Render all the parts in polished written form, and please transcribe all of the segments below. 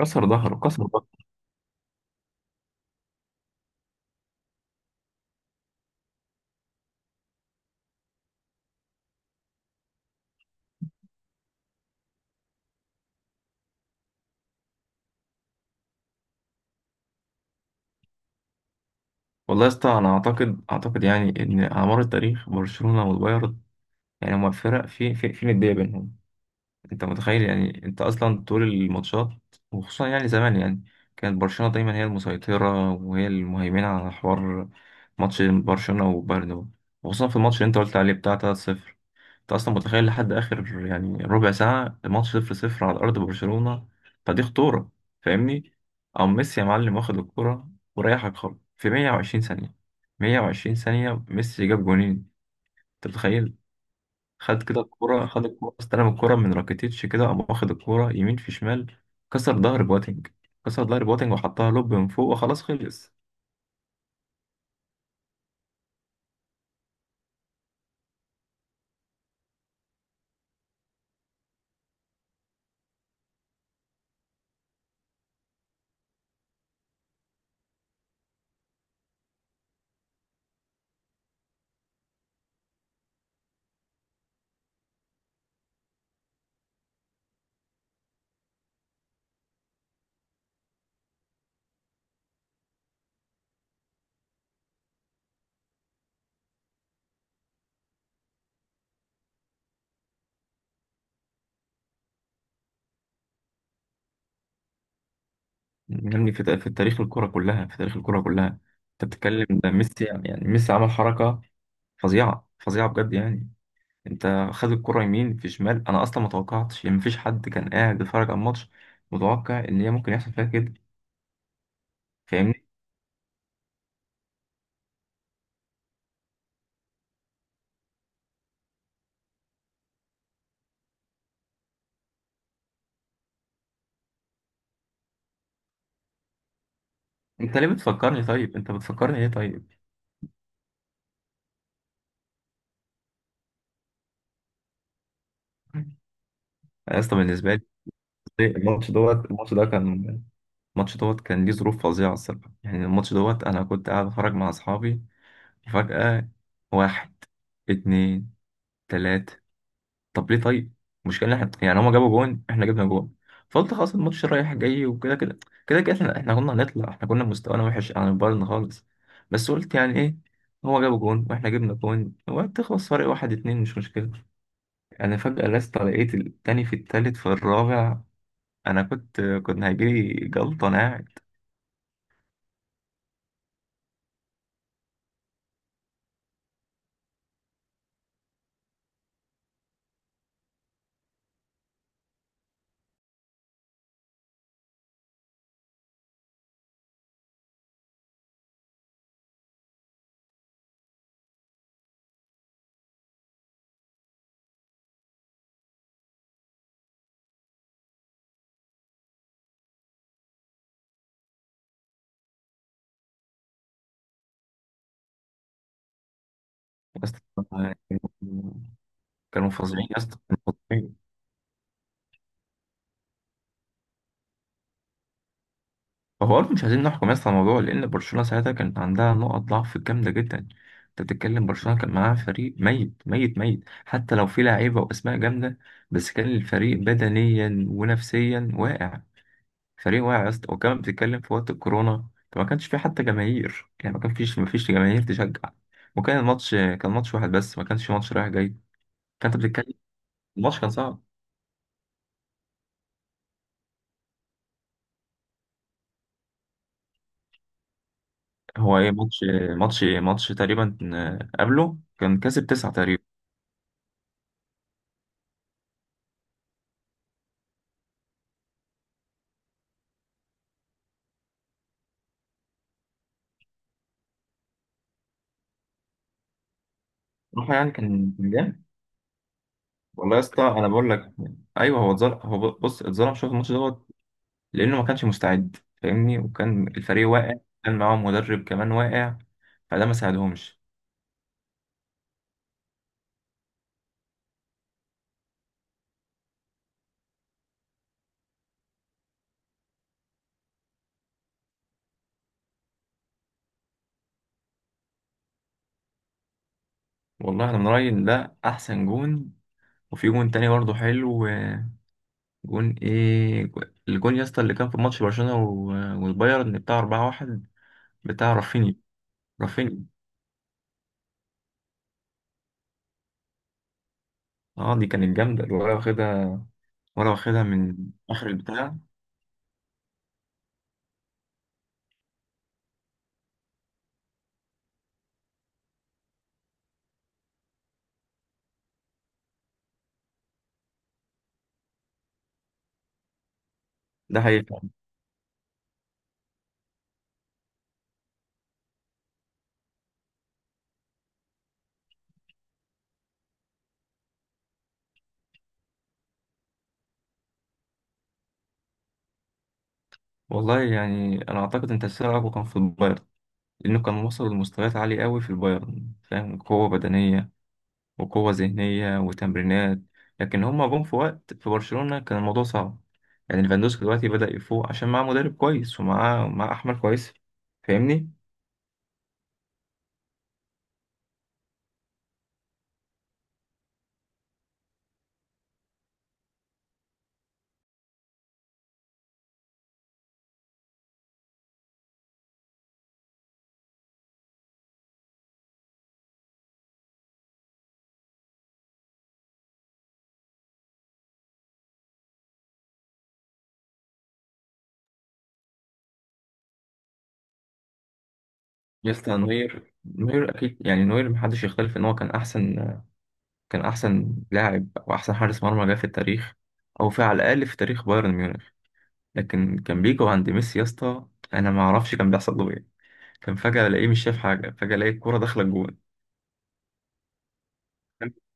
كسر ظهره، كسر ظهره. والله يا اسطى، انا اعتقد يعني ان على مر التاريخ برشلونه والبايرن، يعني هما فرق في نديه بينهم. انت متخيل يعني؟ انت اصلا طول الماتشات، وخصوصا يعني زمان، يعني كانت برشلونه دايما هي المسيطره وهي المهيمنه على حوار ماتش برشلونه وبايرن ده. وخصوصا في الماتش اللي انت قلت عليه بتاع 3-0، انت اصلا متخيل لحد اخر يعني ربع ساعه الماتش صفر صفر على ارض برشلونه؟ فدي خطوره، فاهمني. او ميسي يا معلم واخد الكره وريحك خالص في 120 ثانيه. 120 ثانيه ميسي جاب جونين، انت متخيل؟ خد كده الكره، خد الكره، استلم الكره من راكيتيتش كده، قام واخد الكره يمين في شمال، كسر ظهر بواتينج، كسر ظهر بواتينج، وحطها لوب من فوق وخلاص خلص. يعني في في تاريخ الكره كلها، في تاريخ الكره كلها. انت بتتكلم ده ميسي، يعني يعني ميسي عمل حركه فظيعة، فظيعة بجد يعني. انت خد الكرة يمين في شمال، انا اصلا ما توقعتش يعني، مفيش حد كان قاعد بيتفرج على الماتش متوقع ان هي ممكن يحصل فيها كده، فاهمني؟ انت ليه بتفكرني طيب؟ انت بتفكرني ليه طيب؟ انا اصلا بالنسبة لي، الماتش ده كان، الماتش دوت كان ليه ظروف فظيعة الصراحة. يعني الماتش دوت انا كنت قاعد بتفرج مع اصحابي، وفجأة واحد، اتنين، تلاتة. طب ليه طيب؟ المشكله ان احنا، يعني هما جابوا جون، احنا جبنا جون، فقلت خلاص الماتش رايح جاي وكده كده. كده كده احنا كنا هنطلع، احنا كنا مستوانا وحش عن البايرن خالص. بس قلت يعني ايه، هو جابوا جون واحنا جبنا جون، وهتخلص فرق واحد اتنين، مش مشكله. انا فجاه لست لقيت التاني، في التالت، في الرابع. انا كنت هيجيلي جلطه انا قاعد. بس كانوا فظيعين يا اسطى، كانوا فظيعين. هو برضه مش عايزين نحكم يس على الموضوع، لأن برشلونة ساعتها كانت عندها نقط ضعف جامدة جدا. أنت بتتكلم برشلونة كان معاها فريق ميت ميت ميت، حتى لو في لعيبة وأسماء جامدة، بس كان الفريق بدنيا ونفسيا واقع، فريق واقع يا اسطى. وكمان بتتكلم في وقت الكورونا، فما كانش في حتى جماهير، يعني ما كان فيش، ما فيش جماهير تشجع. وكان الماتش كان ماتش واحد بس، ما كانش ماتش رايح جاي. فأنت بتتكلم، الماتش كان صعب. هو ايه ماتش؟ ماتش تقريبا، قبله كان كسب تسعة تقريبا. روحه يعني كان جامد. والله يا اسطى انا بقول لك، ايوه هو اتظلم. هو بص، اتظلم شويه في الماتش دوت، لانه ما كانش مستعد، فاهمني، وكان الفريق واقع. كان معاهم مدرب كمان واقع، فده ما ساعدهمش. والله انا من رايي إن ده احسن جون. وفي جون تاني برضه حلو. جون ايه؟ الجون يا اسطى اللي كان في ماتش برشلونه والبايرن، بتاع 4-1، بتاع رافينيا. رافينيا، اه دي كانت جامده، ولا واخدها، ولا واخدها من اخر البتاع. ده حقيقي. والله يعني انا اعتقد ان تاثير اقوى كان في البايرن، لأنه كان وصل لمستويات عالية أوي في البايرن، فاهم، قوة بدنية وقوة ذهنية وتمرينات. لكن هما جم في وقت في برشلونة كان الموضوع صعب. يعني ليفاندوسكي دلوقتي بدأ يفوق عشان معاه مدرب كويس، ومعاه معاه أحمر كويس، فاهمني؟ يسطا، نوير أكيد، يعني نوير محدش يختلف إن هو كان أحسن، كان أحسن لاعب أو أحسن حارس مرمى جه في التاريخ، أو في، على الأقل في تاريخ بايرن ميونخ. لكن كان بيجي عند ميسي يا اسطى، أنا ما أعرفش كان بيحصل له إيه. كان فجأة ألاقيه مش شايف حاجة، فجأة ألاقي الكورة داخلة الجون.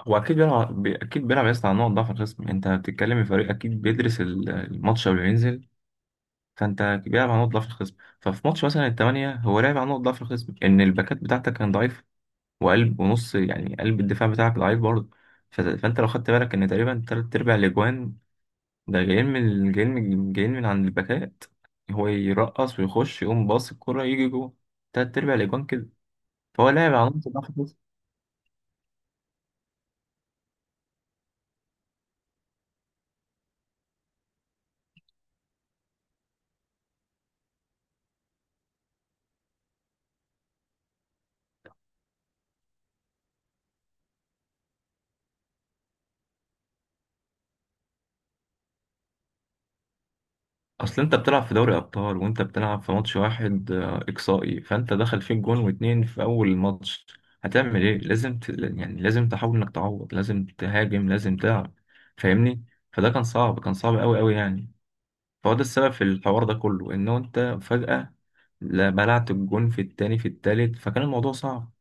هو اكيد بيلعب بي- اكيد بيلعب يا اسطى على نقط ضعف الخصم. انت بتتكلم في فريق اكيد بيدرس الماتش قبل ما ينزل، فانت بيلعب على نقط ضعف الخصم. ففي ماتش مثلا الثمانية، هو لعب على نقط ضعف الخصم، ان الباكات بتاعتك كان ضعيف، وقلب ونص، يعني قلب الدفاع بتاعك ضعيف برضه. فانت لو خدت بالك ان تقريبا تلات ارباع الاجوان ده جايين من، عند الباكات. هو يرقص ويخش، يقوم باص الكرة يجي جوه، تلات ارباع الاجوان كده. فهو لاعب على نقط ضعف. اصل انت بتلعب في دوري ابطال، وانت بتلعب في ماتش واحد اقصائي، فانت دخل فيك جون واتنين في اول ماتش، هتعمل ايه؟ لازم يعني لازم تحاول انك تعوض، لازم تهاجم، لازم تلعب، فاهمني. فده كان صعب، كان صعب قوي قوي يعني. فهو ده السبب في الحوار ده كله، ان انت فجأة لا، بلعت الجون في التاني، في التالت، فكان الموضوع صعب.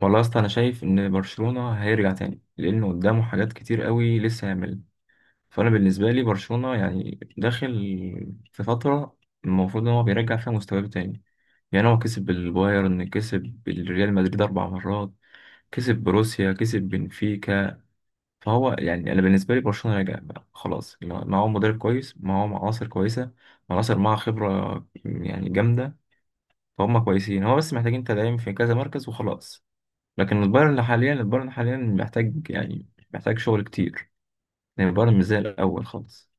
والله يا اسطى انا شايف ان برشلونة هيرجع تاني، لانه قدامه حاجات كتير قوي لسه يعملها. فانا بالنسبه لي برشلونه يعني داخل في فتره المفروض ان هو بيرجع فيها مستواه تاني. يعني هو كسب البايرن، كسب الريال مدريد 4 مرات، كسب بروسيا، كسب بنفيكا. فهو يعني انا بالنسبه لي برشلونه راجع بقى خلاص، اللي هو معاهم مدرب كويس، معاهم عناصر كويسه، عناصر معاها خبره يعني جامده. فهم كويسين، هو بس محتاجين تدعيم في كذا مركز وخلاص. لكن البايرن حاليا، البايرن حاليا محتاج يعني، محتاج شغل كتير. يعني البايرن مش زي الاول خالص.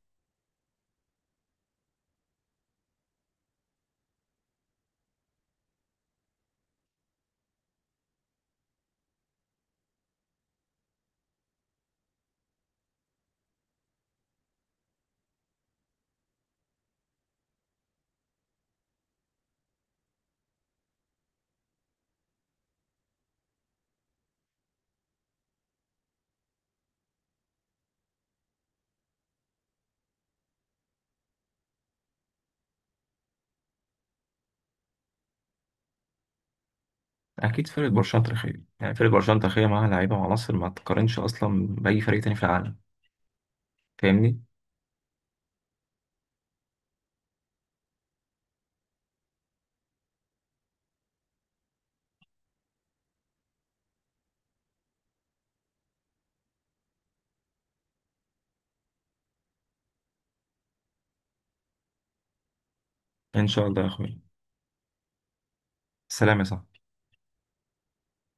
اكيد فرقه برشلونه تاريخيه، يعني فرقه برشلونه تاريخيه معاها لعيبه وعناصر ما تقارنش اصلا باي فريق تاني في العالم، فاهمني. ان شاء الله يا اخويا، سلام يا صاحبي.